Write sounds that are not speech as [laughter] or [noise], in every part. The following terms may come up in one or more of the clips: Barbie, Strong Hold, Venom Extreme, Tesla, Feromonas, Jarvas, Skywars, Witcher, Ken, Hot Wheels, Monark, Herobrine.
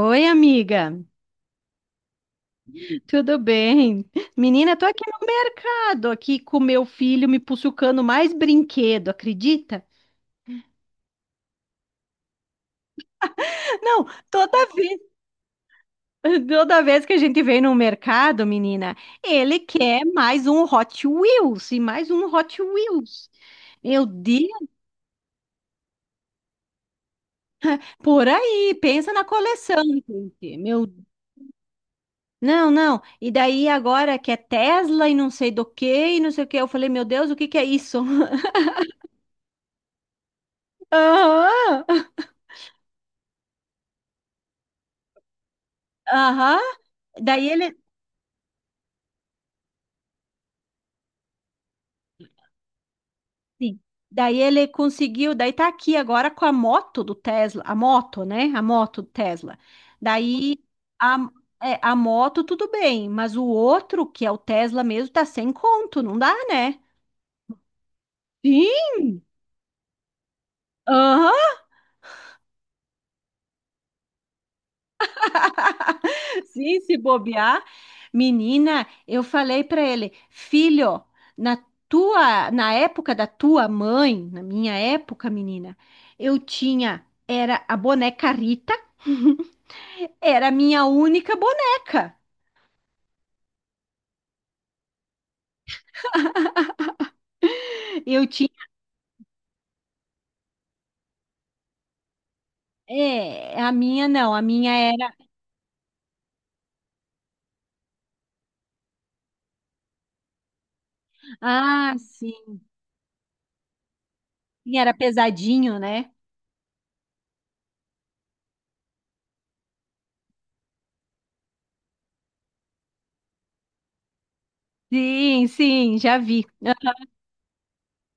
Oi, amiga. Tudo bem? Menina, tô aqui no mercado, aqui com meu filho me puxucando mais brinquedo, acredita? Não, toda vez que a gente vem no mercado, menina, ele quer mais um Hot Wheels e mais um Hot Wheels. Meu Deus, por aí, pensa na coleção, gente. Não, não. E daí agora que é Tesla e não sei do que e não sei o que, eu falei, meu Deus, o que que é isso? [laughs] Aham. Aham, Daí ele, sim, daí ele conseguiu, daí tá aqui agora com a moto do Tesla, a moto, né? A moto do Tesla. Daí a, a moto tudo bem, mas o outro, que é o Tesla mesmo, tá sem conto, não dá, né? Sim! Aham, sim, se bobear. Menina, eu falei pra ele, filho, na na época da tua mãe, na minha época, menina, era a boneca Rita. [laughs] Era a minha única boneca. Eu tinha. É, a minha não, a minha era. Ah, sim. Sim, era pesadinho, né? Sim, sim, já vi.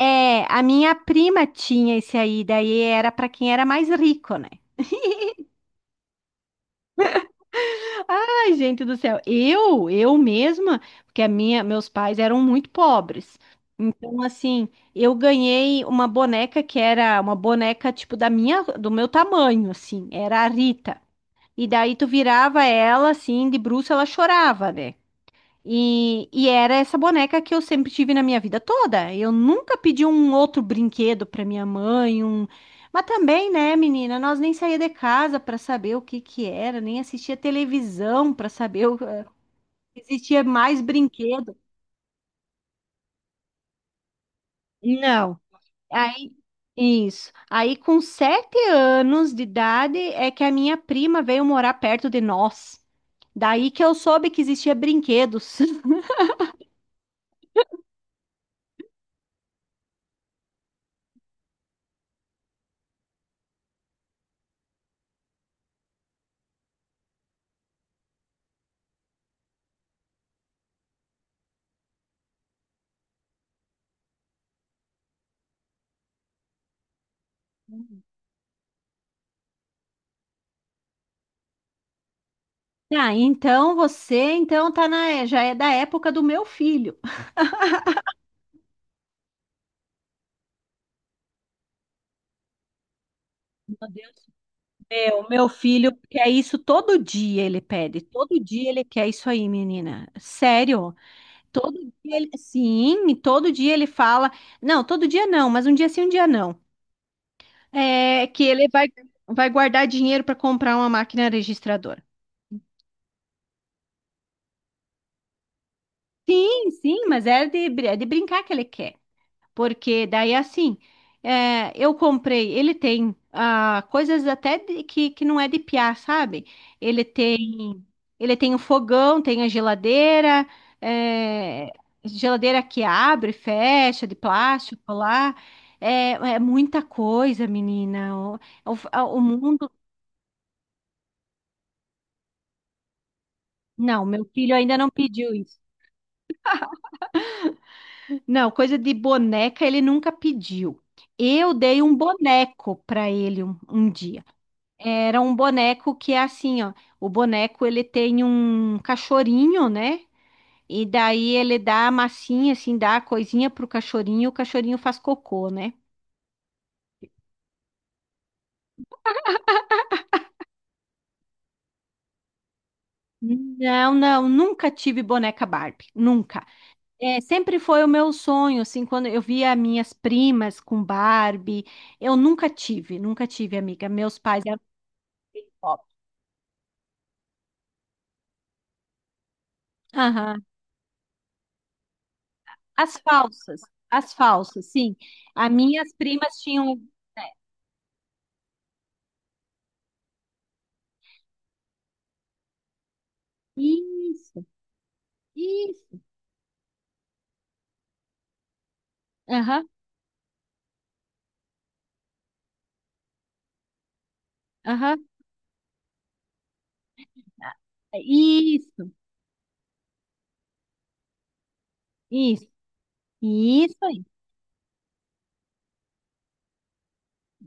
É, a minha prima tinha esse aí, daí era para quem era mais rico, né? Ai, gente do céu, eu mesma, porque meus pais eram muito pobres. Então, assim, eu ganhei uma boneca que era uma boneca tipo da minha, do meu tamanho, assim, era a Rita. E daí tu virava ela assim, de bruço, ela chorava, né? E era essa boneca que eu sempre tive na minha vida toda. Eu nunca pedi um outro brinquedo pra minha mãe, um... Mas também, né, menina, nós nem saía de casa pra saber o que que era, nem assistia televisão pra saber o... se existia mais brinquedo. Não. Aí, isso. Aí, com 7 anos de idade, é que a minha prima veio morar perto de nós. Daí que eu soube que existia brinquedos. [laughs] Ah, então você então já é da época do meu filho. Meu Deus, meu filho quer isso todo dia, ele pede. Todo dia ele quer isso aí, menina. Sério? Todo dia ele, sim, todo dia ele fala. Não, todo dia não, mas um dia sim, um dia não. É que ele vai guardar dinheiro para comprar uma máquina registradora. Sim, sim, mas é de brincar que ele quer. Porque daí assim, é, eu comprei, ele tem coisas até que não é de piar, sabe? Ele tem ele tem o fogão, tem a geladeira, é, geladeira que abre e fecha, de plástico lá. É, é muita coisa, menina. O mundo. Não, meu filho ainda não pediu isso. Não, coisa de boneca ele nunca pediu. Eu dei um boneco para ele um dia. Era um boneco que é assim, ó. O boneco ele tem um cachorrinho, né? E daí ele dá a massinha, assim, dá a coisinha pro cachorrinho, o cachorrinho faz cocô, né? Não, não, nunca tive boneca Barbie, nunca. É, sempre foi o meu sonho, assim, quando eu via minhas primas com Barbie, eu nunca tive, nunca tive, amiga. Meus pais eram bem pobres. As falsas, as falsas, sim. As minhas primas tinham, né? Isso, isso. Aham, aham. Isso, isso, isso aí.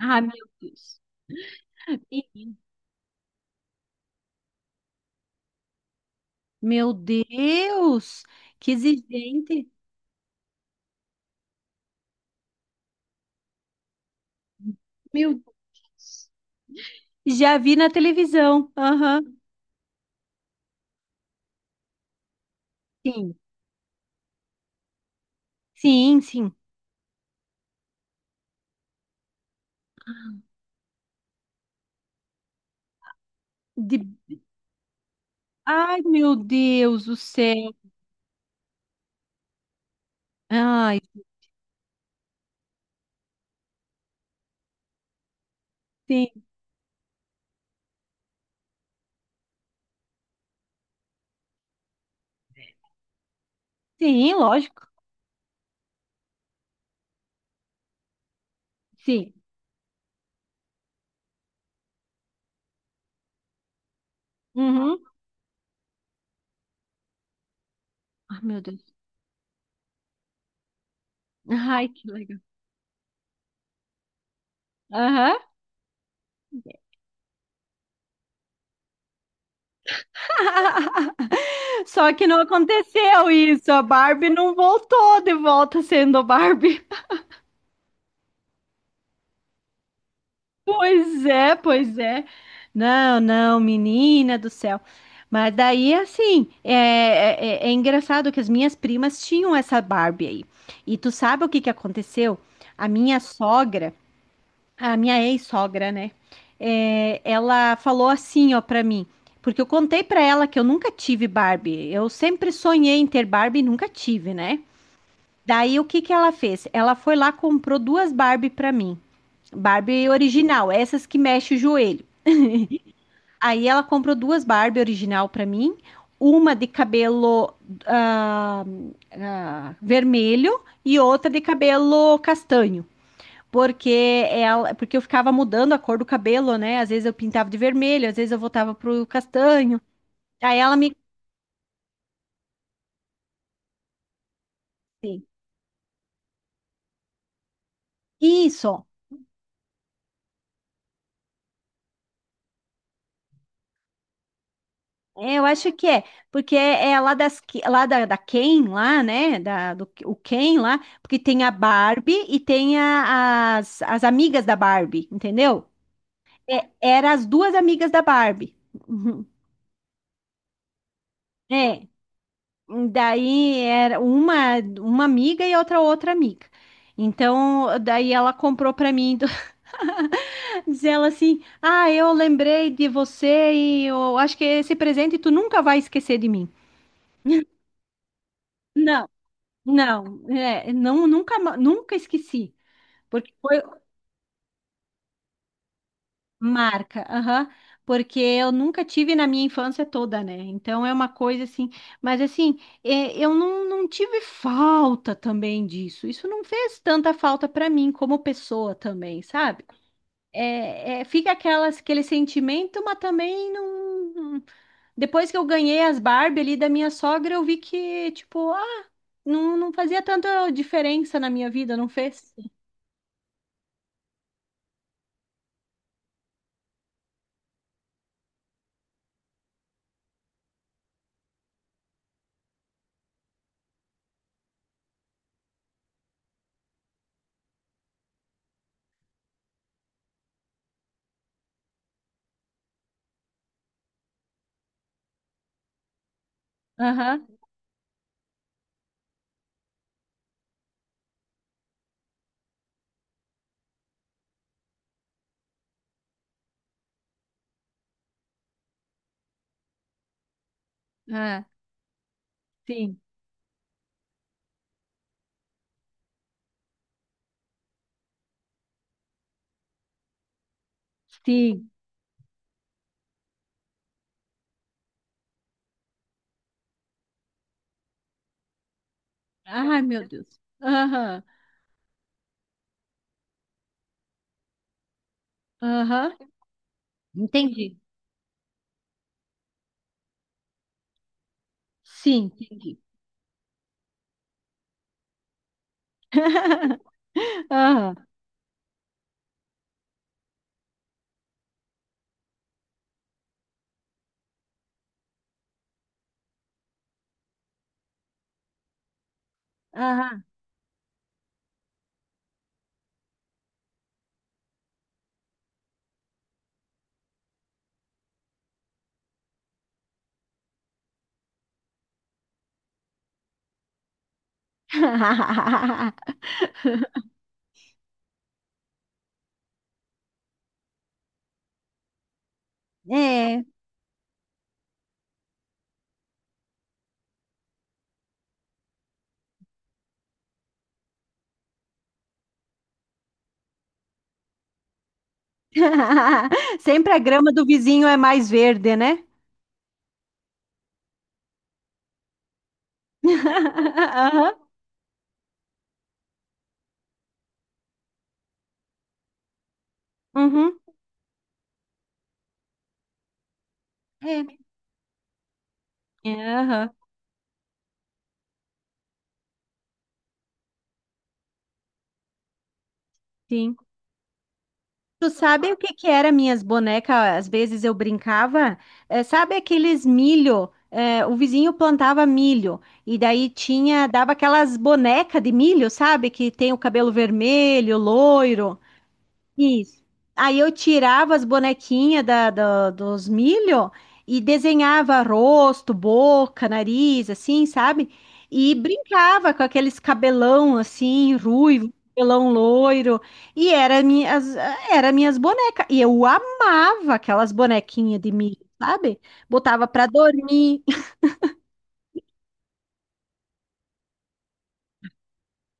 Ah, meu Deus. Ih, meu Deus, que exigente. Meu Deus. Já vi na televisão. Aham. Sim, sim, sim. De- Ai, meu Deus do céu. Ai, sim, sim, lógico. Sim. Uhum. Ai, meu Deus. Ai, que legal. Aham. Só que não aconteceu isso. A Barbie não voltou de volta sendo Barbie. [laughs] Pois é, pois é. Não, não, menina do céu. Mas daí, assim, é engraçado que as minhas primas tinham essa Barbie aí. E tu sabe o que que aconteceu? A minha sogra. A minha ex-sogra, né? É, ela falou assim, ó, pra mim, porque eu contei pra ela que eu nunca tive Barbie. Eu sempre sonhei em ter Barbie e nunca tive, né? Daí o que que ela fez? Ela foi lá, comprou duas Barbie pra mim. Barbie original, essas que mexe o joelho. Aí ela comprou duas Barbie original pra mim, uma de cabelo ah, vermelho e outra de cabelo castanho. Porque, porque eu ficava mudando a cor do cabelo, né? Às vezes eu pintava de vermelho, às vezes eu voltava pro castanho. Aí ela me. Assim, isso, é, eu acho que é, porque é lá, lá da Ken, lá, né? O Ken lá, porque tem a- Barbie e tem as amigas da Barbie, entendeu? É, era as duas amigas da Barbie. Uhum. É, daí era uma amiga e outra amiga. Então, daí ela comprou para mim. Diz ela assim: Ah, eu lembrei de você e eu acho que esse presente tu nunca vai esquecer de mim. Não, não, não, nunca esqueci, porque foi marca, aham, porque eu nunca tive na minha infância toda, né? Então é uma coisa assim, mas assim, é, eu não, não tive falta também disso. Isso não fez tanta falta para mim como pessoa também, sabe? Fica aquele sentimento, mas também não. Depois que eu ganhei as Barbie ali da minha sogra, eu vi que, tipo, ah, não, não fazia tanta diferença na minha vida, não fez? Aham, ah, sim, sim. Ai, meu Deus. Aham, aham. Entendi. Sim, entendi. [laughs] Aham, aham. [laughs] É. [laughs] Sempre a grama do vizinho é mais verde, né? [laughs] Aham. Uhum. É. É, aham, sim. Tu sabe o que que era minhas bonecas? Às vezes eu brincava, sabe aqueles milho? É, o vizinho plantava milho e daí tinha, dava aquelas bonecas de milho, sabe? Que tem o cabelo vermelho, loiro. Isso. Aí eu tirava as bonequinhas dos milho e desenhava rosto, boca, nariz, assim, sabe? E brincava com aqueles cabelão assim, ruivo, cabelão loiro. E era minhas bonecas. E eu amava aquelas bonequinhas de milho, sabe? Botava pra dormir.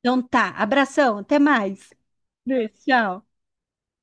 Então tá, abração, até mais. Beijo, tchau.